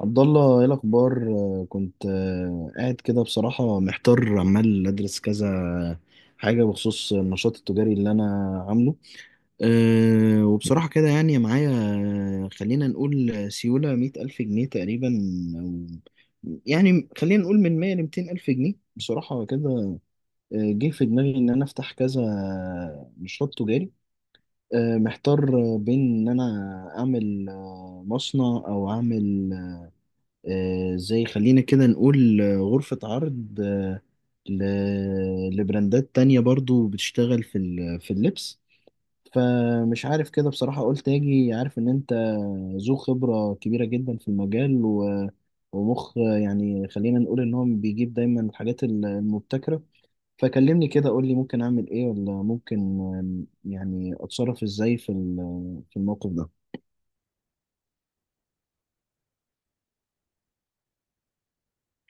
عبد الله ايه الاخبار. كنت قاعد كده بصراحه محتار عمال ادرس كذا حاجه بخصوص النشاط التجاري اللي انا عامله. وبصراحه كده يعني معايا خلينا نقول سيوله 100 الف جنيه تقريبا، او يعني خلينا نقول من 100 لميتين الف جنيه بصراحه كده. جه في دماغي ان انا افتح كذا نشاط تجاري. محتار بين ان انا اعمل مصنع او اعمل زي خلينا كده نقول غرفة عرض، لبراندات تانية برضو بتشتغل في اللبس. فمش عارف كده بصراحة قلت أجي عارف إن أنت ذو خبرة كبيرة جدا في المجال ومخ، يعني خلينا نقول إن هو بيجيب دايما الحاجات المبتكرة. فكلمني كده قول لي ممكن أعمل إيه ولا ممكن يعني أتصرف إزاي في الموقف ده.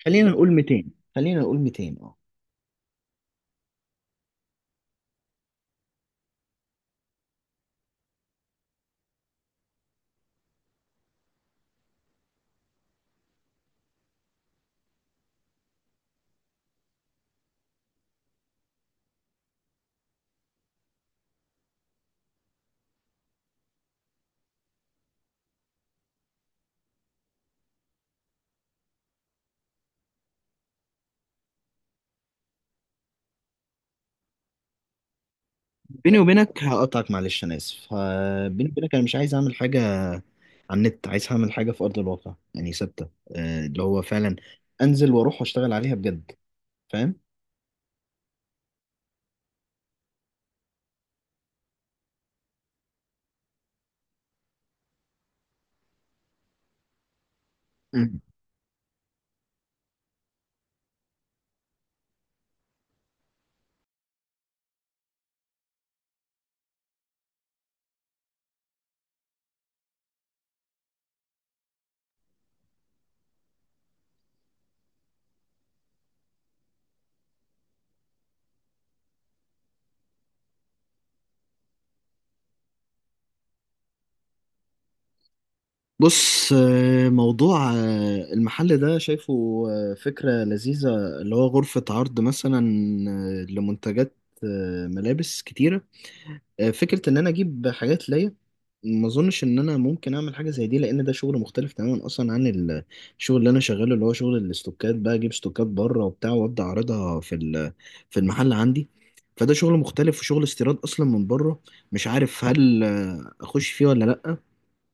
خلينا نقول 200، خلينا نقول 200 أه. بيني وبينك هقطعك، معلش انا اسف، بيني وبينك انا مش عايز اعمل حاجه على النت، عايز اعمل حاجه في ارض الواقع يعني ثابته، اللي هو فعلا انزل واروح واشتغل عليها بجد، فاهم. مم. بص، موضوع المحل ده شايفه فكرة لذيذة، اللي هو غرفة عرض مثلا لمنتجات ملابس كتيرة. فكرة إن أنا أجيب حاجات ليا، ما أظنش إن أنا ممكن أعمل حاجة زي دي، لأن ده شغل مختلف تماما أصلا عن الشغل اللي أنا شغاله، اللي هو شغل الاستوكات، بقى أجيب استوكات بره وبتاع وأبدأ أعرضها في ال- آه، في المحل عندي. فده شغل مختلف وشغل استيراد أصلا من بره. مش عارف هل أخش فيه ولا لأ.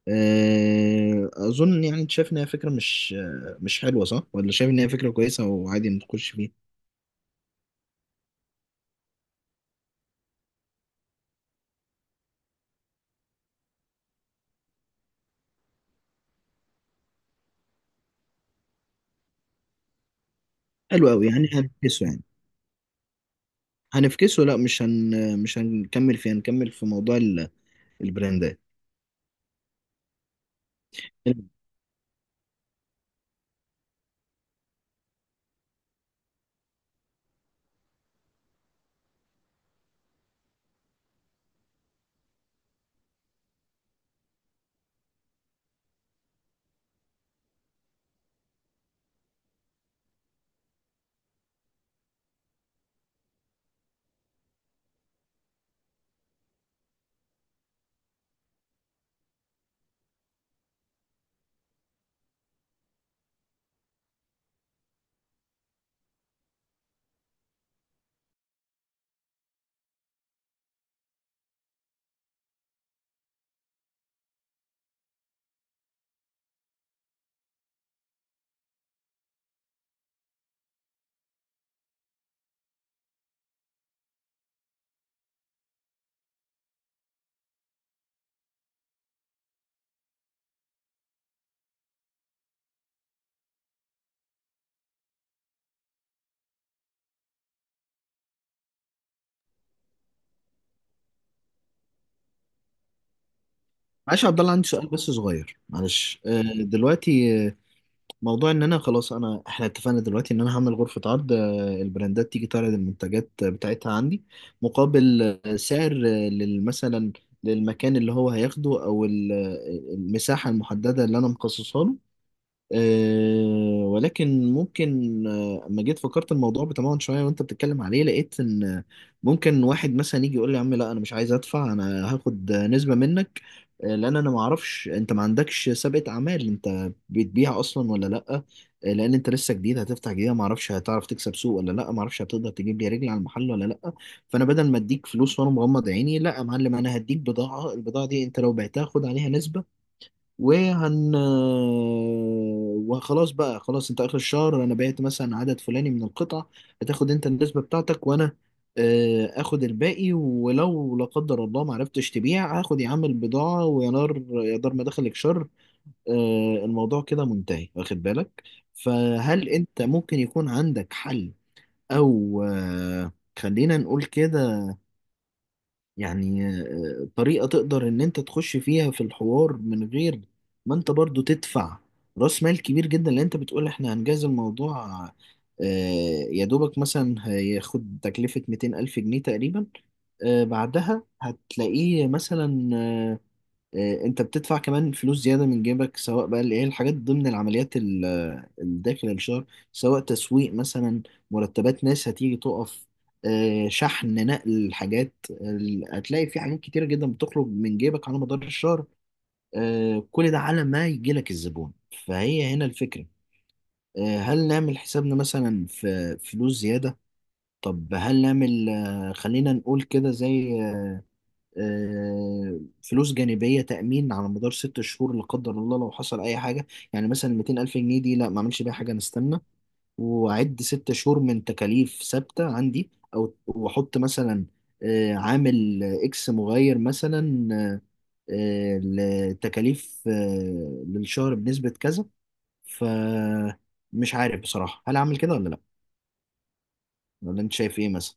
أظن يعني أنت شايف إن هي فكرة مش حلوة، صح، ولا شايف إن هي فكرة كويسة وعادي نخش فيه؟ حلو أوي، يعني هنفكسه يعني. هنفكسه؟ لا، مش هن آه، مش هنكمل فيه، هنكمل في موضوع البراندات. معلش يا عبد الله عندي سؤال بس صغير، معلش، دلوقتي موضوع ان انا خلاص، انا احنا اتفقنا دلوقتي ان انا هعمل غرفة عرض، البراندات تيجي تعرض المنتجات بتاعتها عندي مقابل سعر مثلا للمكان اللي هو هياخده او ال- آه، المساحة المحددة اللي انا مخصصها له. أه، ولكن ممكن اما جيت فكرت الموضوع بتمعن شويه وانت بتتكلم عليه لقيت ان ممكن واحد مثلا يجي يقول لي يا عم لا انا مش عايز ادفع، انا هاخد نسبه منك، لان انا ما اعرفش انت ما عندكش سابقه اعمال، انت بتبيع اصلا ولا لا، لان انت لسه جديد هتفتح جديده، ما اعرفش هتعرف تكسب سوق ولا لا، ما اعرفش هتقدر تجيب لي رجل على المحل ولا لا. فانا بدل ما اديك فلوس وانا مغمض عيني، لا يا معلم انا هديك بضاعه، البضاعه دي انت لو بعتها خد عليها نسبه وهن وخلاص بقى. خلاص انت اخر الشهر انا بعت مثلا عدد فلاني من القطع، هتاخد انت النسبة بتاعتك وانا اخد الباقي، ولو لا قدر الله ما عرفتش تبيع هاخد يا عم البضاعة ويا نار يا دار ما دخلك شر. الموضوع كده منتهي، واخد بالك. فهل انت ممكن يكون عندك حل؟ او خلينا نقول كده، يعني طريقة تقدر ان انت تخش فيها في الحوار من غير ما انت برضو تدفع راس مال كبير جدا، لان انت بتقول احنا هنجاز الموضوع آه، يا دوبك مثلا هياخد تكلفة 200 ألف جنيه تقريبا. آه، بعدها هتلاقيه مثلا آه، آه، انت بتدفع كمان فلوس زياده من جيبك سواء بقى اللي هي الحاجات ضمن العمليات داخل الشهر، سواء تسويق مثلا، مرتبات ناس هتيجي تقف، شحن، نقل، هتلاقي في حاجات كتيره جدا بتخرج من جيبك على مدار الشهر، كل ده على ما يجي لك الزبون. فهي هنا الفكره، هل نعمل حسابنا مثلا في فلوس زياده؟ طب هل نعمل خلينا نقول كده زي فلوس جانبية تأمين على مدار 6 شهور لا قدر الله لو حصل أي حاجة؟ يعني مثلا 200 ألف جنيه دي لا ما أعملش بيها حاجة، أنا أستنى وأعد 6 شهور من تكاليف ثابتة عندي، أو وأحط مثلا عامل إكس مغير مثلا لتكاليف للشهر بنسبة كذا. فمش عارف بصراحة هل أعمل كده ولا لأ، ولا أنت شايف إيه مثلا.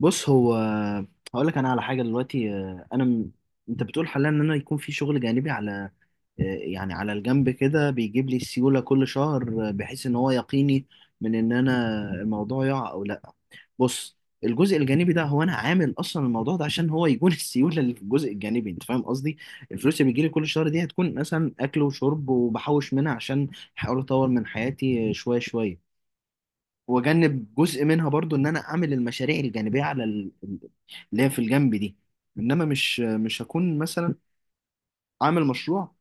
بص هو، هقول لك انا على حاجه دلوقتي، انت بتقول حاليا ان انا يكون في شغل جانبي على يعني على الجنب كده بيجيب لي سيوله كل شهر، بحيث ان هو يقيني من ان انا الموضوع يقع او لا. بص، الجزء الجانبي ده هو انا عامل اصلا الموضوع ده عشان هو يكون السيوله اللي في الجزء الجانبي، انت فاهم قصدي، الفلوس اللي بيجي لي كل شهر دي هتكون مثلا اكل وشرب وبحوش منها عشان احاول اطور من حياتي شويه شويه، واجنب جزء منها برضو ان انا اعمل المشاريع الجانبيه اللي هي في الجنب دي. انما مش هكون مثلا عامل مشروع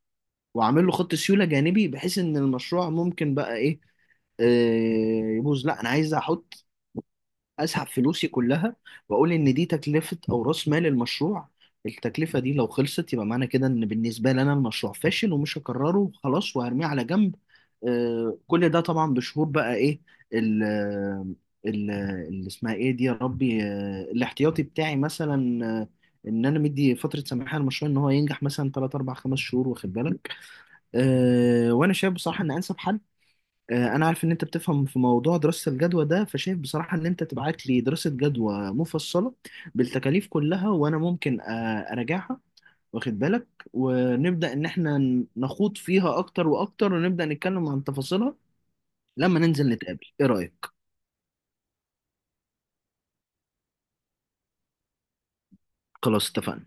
وعامل له خط سيوله جانبي بحيث ان المشروع ممكن بقى ايه، يبوظ. لا انا عايز احط، اسحب فلوسي كلها واقول ان دي تكلفه او راس مال المشروع، التكلفه دي لو خلصت يبقى معنى كده ان بالنسبه لي انا المشروع فاشل ومش هكرره وخلاص وهرميه على جنب. آه، كل ده طبعا بشهور بقى ايه ال ال اللي اسمها ايه دي يا ربي، آه، الاحتياطي بتاعي مثلا، آه، ان انا مدي فتره سماح للمشروع ان هو ينجح مثلا 3 4 5 شهور، واخد بالك. آه، وانا شايف بصراحه ان انسب حل، انا عارف ان انت بتفهم في موضوع دراسة الجدوى ده، فشايف بصراحة ان انت تبعت لي دراسة جدوى مفصلة بالتكاليف كلها، وانا ممكن اراجعها، واخد بالك، ونبدأ ان احنا نخوض فيها اكتر واكتر، ونبدأ نتكلم عن تفاصيلها لما ننزل نتقابل. ايه رأيك؟ خلاص اتفقنا.